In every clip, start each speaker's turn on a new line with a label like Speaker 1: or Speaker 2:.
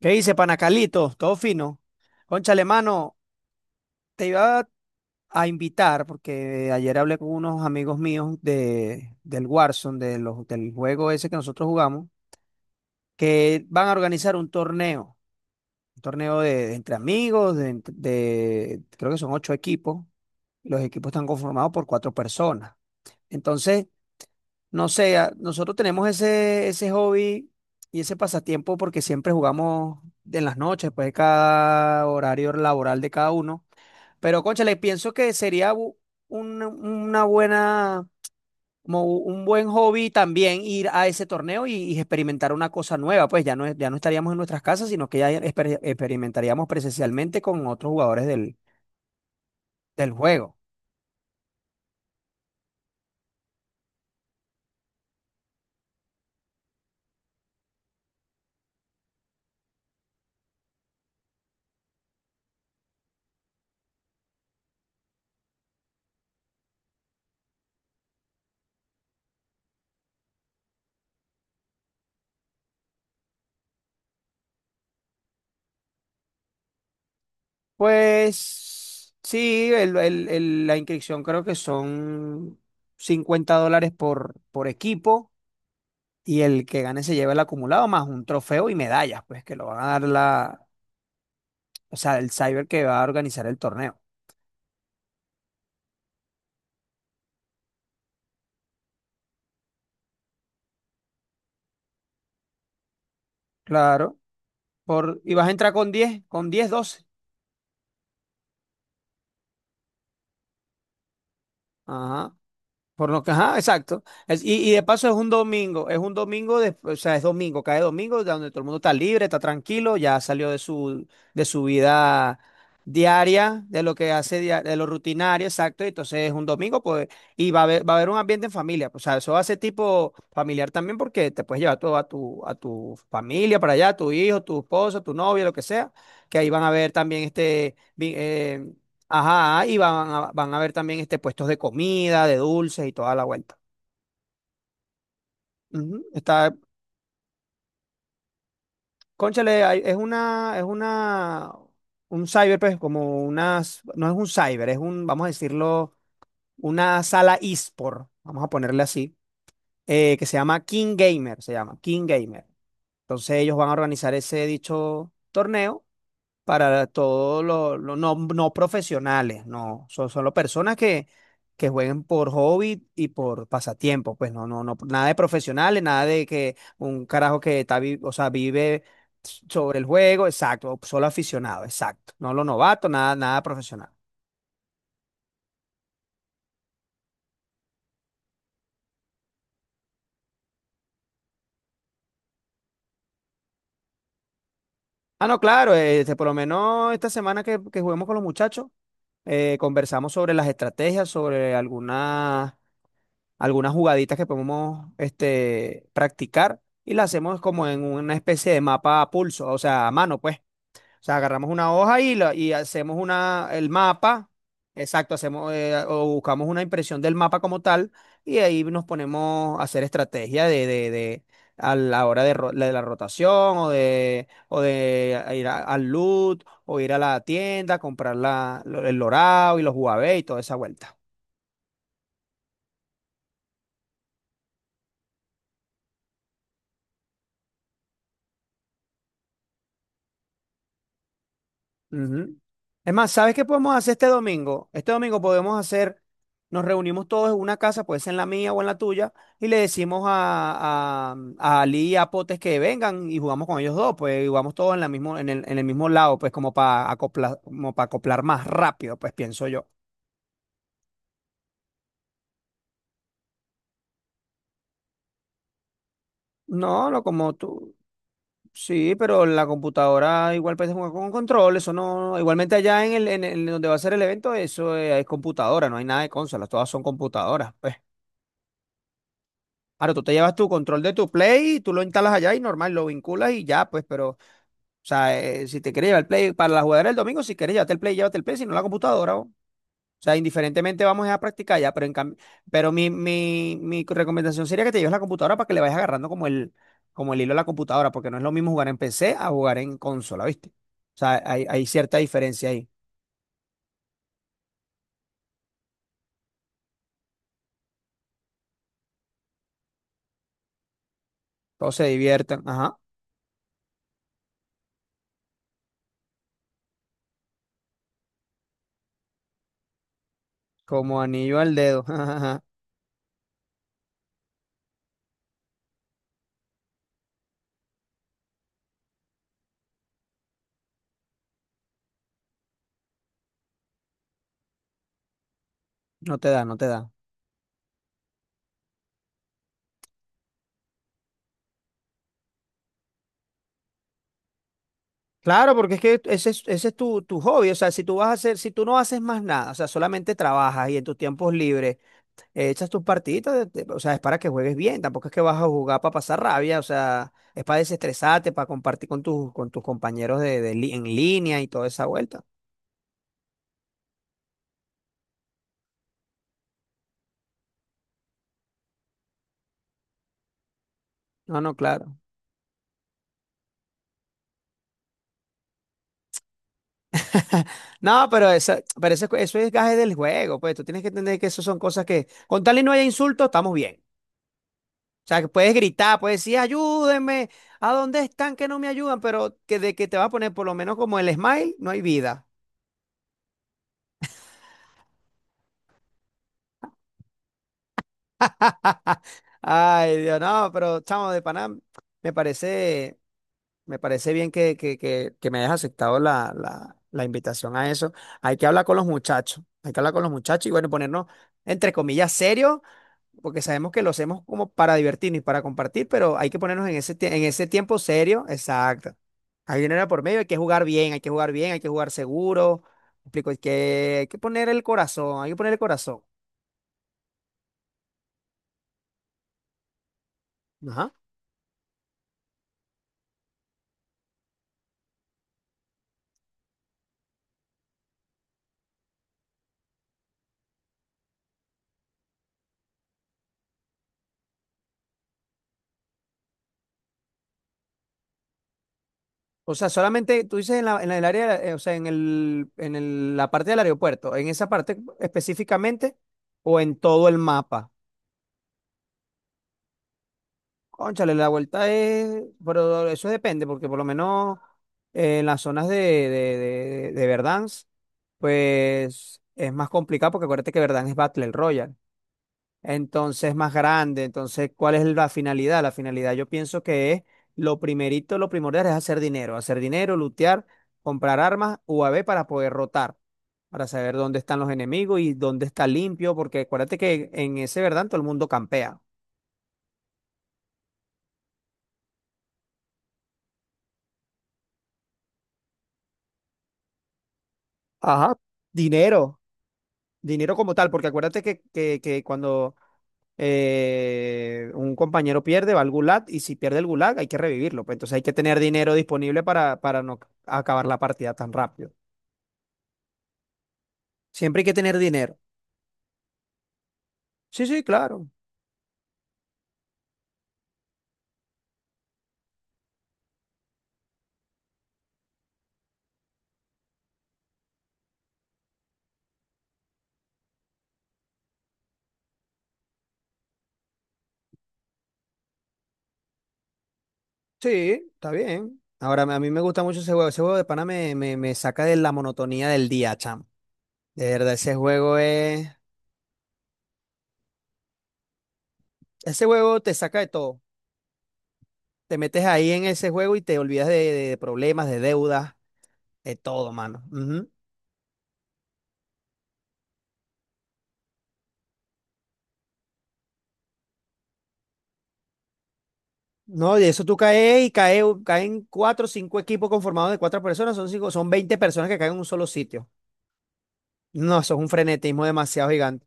Speaker 1: ¿Qué dice, Panacalito? Todo fino. Cónchale mano, te iba a invitar porque ayer hablé con unos amigos míos del Warzone, del juego ese que nosotros jugamos, que van a organizar un torneo de entre amigos, creo que son ocho equipos. Los equipos están conformados por cuatro personas. Entonces, no sé, nosotros tenemos ese hobby y ese pasatiempo porque siempre jugamos en las noches, pues cada horario laboral de cada uno. Pero, cónchale, pienso que sería una buena, como un buen hobby también ir a ese torneo y experimentar una cosa nueva. Pues ya no, ya no estaríamos en nuestras casas, sino que ya experimentaríamos presencialmente con otros jugadores del juego. Pues sí, la inscripción creo que son $50 por equipo y el que gane se lleva el acumulado más un trofeo y medallas, pues que lo van a dar o sea, el cyber que va a organizar el torneo. Claro, y vas a entrar con diez 12. Ajá. Por lo que, ajá, exacto. Y de paso es un domingo, o sea, es domingo, cae domingo, ya donde todo el mundo está libre, está tranquilo, ya salió de su vida diaria, de lo que hace, de lo rutinario, exacto. Y entonces es un domingo, pues, y va a haber un ambiente en familia, pues, o sea, eso hace tipo familiar también porque te puedes llevar todo a tu familia para allá, tu hijo, tu esposo, tu novia, lo que sea, que ahí van a ver también este. Ajá, y van a ver también este puestos de comida, de dulces y toda la vuelta. Ujú. Está, cónchale, es una, un cyber, pues como unas, no es un cyber, es un, vamos a decirlo, una sala eSport, vamos a ponerle así, que se llama King Gamer, se llama King Gamer. Entonces ellos van a organizar ese dicho torneo para todos los no, no profesionales, no, son solo personas que, jueguen por hobby y por pasatiempo, pues no, no, no, nada de profesionales, nada de que un carajo que está, o sea, vive sobre el juego, exacto, solo aficionado, exacto, no los novatos, nada, nada profesional. Ah, no, claro, este, por lo menos esta semana que juguemos con los muchachos, conversamos sobre las estrategias, sobre algunas jugaditas que podemos este, practicar y la hacemos como en una especie de mapa a pulso, o sea, a mano, pues. O sea, agarramos una hoja y hacemos una, el mapa, exacto, hacemos o buscamos una impresión del mapa como tal y ahí nos ponemos a hacer estrategia a la hora de la rotación o de ir al loot o ir a la tienda, comprar el lorado y los Huawei y toda esa vuelta. Ujú. Es más, ¿sabes qué podemos hacer este domingo? Este domingo podemos hacer, nos reunimos todos en una casa, puede ser en la mía o en la tuya, y le decimos a Ali y a Potes que vengan y jugamos con ellos dos, pues y jugamos todos en la mismo, en el mismo lado, pues como para acoplar más rápido, pues pienso yo. No, no como tú. Sí, pero la computadora igual puedes jugar con control, eso no, igualmente allá en el, donde va a ser el evento, eso es computadora, no hay nada de consolas, todas son computadoras, pues. Claro, tú te llevas tu control de tu Play, tú lo instalas allá y normal, lo vinculas y ya, pues, pero, o sea, si te quieres llevar el Play para la jugadera el domingo, si quieres llevarte el Play, llévate el Play, si no la computadora, o. O sea, indiferentemente vamos a practicar ya, pero en cambio, pero mi recomendación sería que te lleves la computadora para que le vayas agarrando como el hilo a la computadora, porque no es lo mismo jugar en PC a jugar en consola, ¿viste? O sea, hay cierta diferencia ahí. Todos se diviertan, ajá, como anillo al dedo. No te da, no te da. Claro, porque es que ese es tu, tu hobby. O sea, si tú vas a hacer, si tú no haces más nada, o sea, solamente trabajas y en tus tiempos libres echas tus partiditas, o sea, es para que juegues bien. Tampoco es que vas a jugar para pasar rabia, o sea, es para desestresarte, para compartir con tus compañeros de, en línea y toda esa vuelta. No, no, claro. No, pero, pero eso es gaje del juego, pues tú tienes que entender que eso son cosas que, con tal y no haya insultos, estamos bien. O sea, que puedes gritar, puedes decir, ayúdenme, ¿a dónde están que no me ayudan? Pero que de que te va a poner por lo menos como el smile, no hay vida. Ay, Dios, no, pero chamo de Panam, me parece, me parece bien que me hayas aceptado la invitación a eso. Hay que hablar con los muchachos, hay que hablar con los muchachos y bueno, ponernos, entre comillas, serios porque sabemos que lo hacemos como para divertirnos y para compartir, pero hay que ponernos en ese tiempo serio, exacto. Hay dinero por medio, hay que jugar bien, hay que jugar bien, hay que jugar seguro. ¿Me explico? Hay que, hay que poner el corazón, hay que poner el corazón. Ajá. O sea, solamente tú dices en el área, o sea, en el, la parte del aeropuerto, en esa parte específicamente o en todo el mapa. Cónchale, la vuelta es, pero eso depende, porque por lo menos en las zonas de Verdansk, pues es más complicado, porque acuérdate que Verdansk es Battle Royale, entonces es más grande, entonces, ¿cuál es la finalidad? La finalidad yo pienso que es, lo primerito, lo primordial es hacer dinero, lootear, comprar armas, UAV para poder rotar, para saber dónde están los enemigos y dónde está limpio, porque acuérdate que en ese Verdansk todo el mundo campea. Ajá, dinero. Dinero como tal, porque acuérdate que, que cuando un compañero pierde, va al gulag, y si pierde el gulag, hay que revivirlo. Pues entonces hay que tener dinero disponible para no acabar la partida tan rápido. Siempre hay que tener dinero. Sí, sí, claro. Sí, está bien. Ahora, a mí me gusta mucho ese juego. Ese juego de pana me, me saca de la monotonía del día, chamo. De verdad, ese juego es. Ese juego te saca de todo. Te metes ahí en ese juego y te olvidas de problemas, de deudas, de todo, mano. Ujú. No, de eso tú caes y cae, caen cuatro o cinco equipos conformados de cuatro personas, son cinco, son 20 personas que caen en un solo sitio. No, eso es un frenetismo demasiado gigante.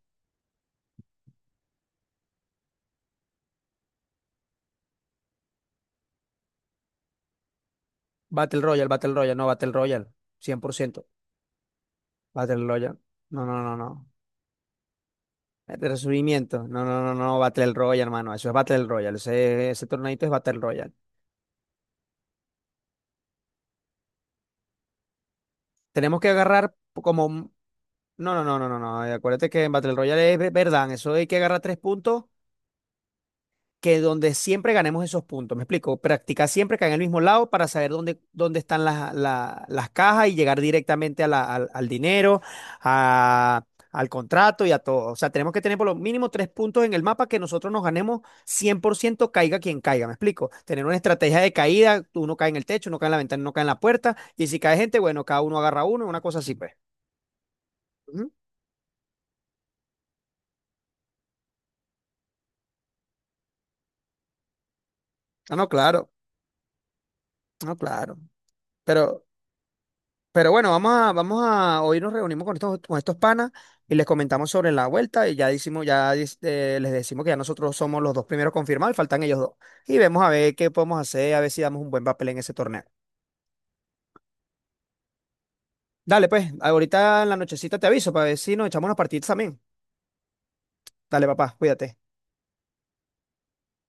Speaker 1: Battle Royale, Battle Royale, no, Battle Royale, 100% Battle Royale, no, no, no, no. Resubimiento, no, no, no, no, Battle Royale, hermano, eso es Battle Royale, ese torneito es Battle Royale. Tenemos que agarrar como, un, no, no, no, no, no, no, acuérdate que en Battle Royale es verdad, eso hay que agarrar tres puntos que donde siempre ganemos esos puntos. Me explico, practicar siempre caer en el mismo lado para saber dónde, dónde están las cajas y llegar directamente a al dinero, a- al contrato y a todo. O sea, tenemos que tener por lo mínimo tres puntos en el mapa que nosotros nos ganemos 100% caiga quien caiga. Me explico, tener una estrategia de caída, uno cae en el techo, uno cae en la ventana, uno cae en la puerta y si cae gente, bueno, cada uno agarra uno, una cosa así, pues. Ujú. Ah, no, claro, no, claro. Pero... Pero bueno, vamos a, vamos a, hoy nos reunimos con estos panas y les comentamos sobre la vuelta y ya decimos, les decimos que ya nosotros somos los dos primeros confirmados, faltan ellos dos. Y vemos a ver qué podemos hacer, a ver si damos un buen papel en ese torneo. Dale, pues, ahorita en la nochecita te aviso para ver si nos echamos unas partidas también. Dale, papá, cuídate.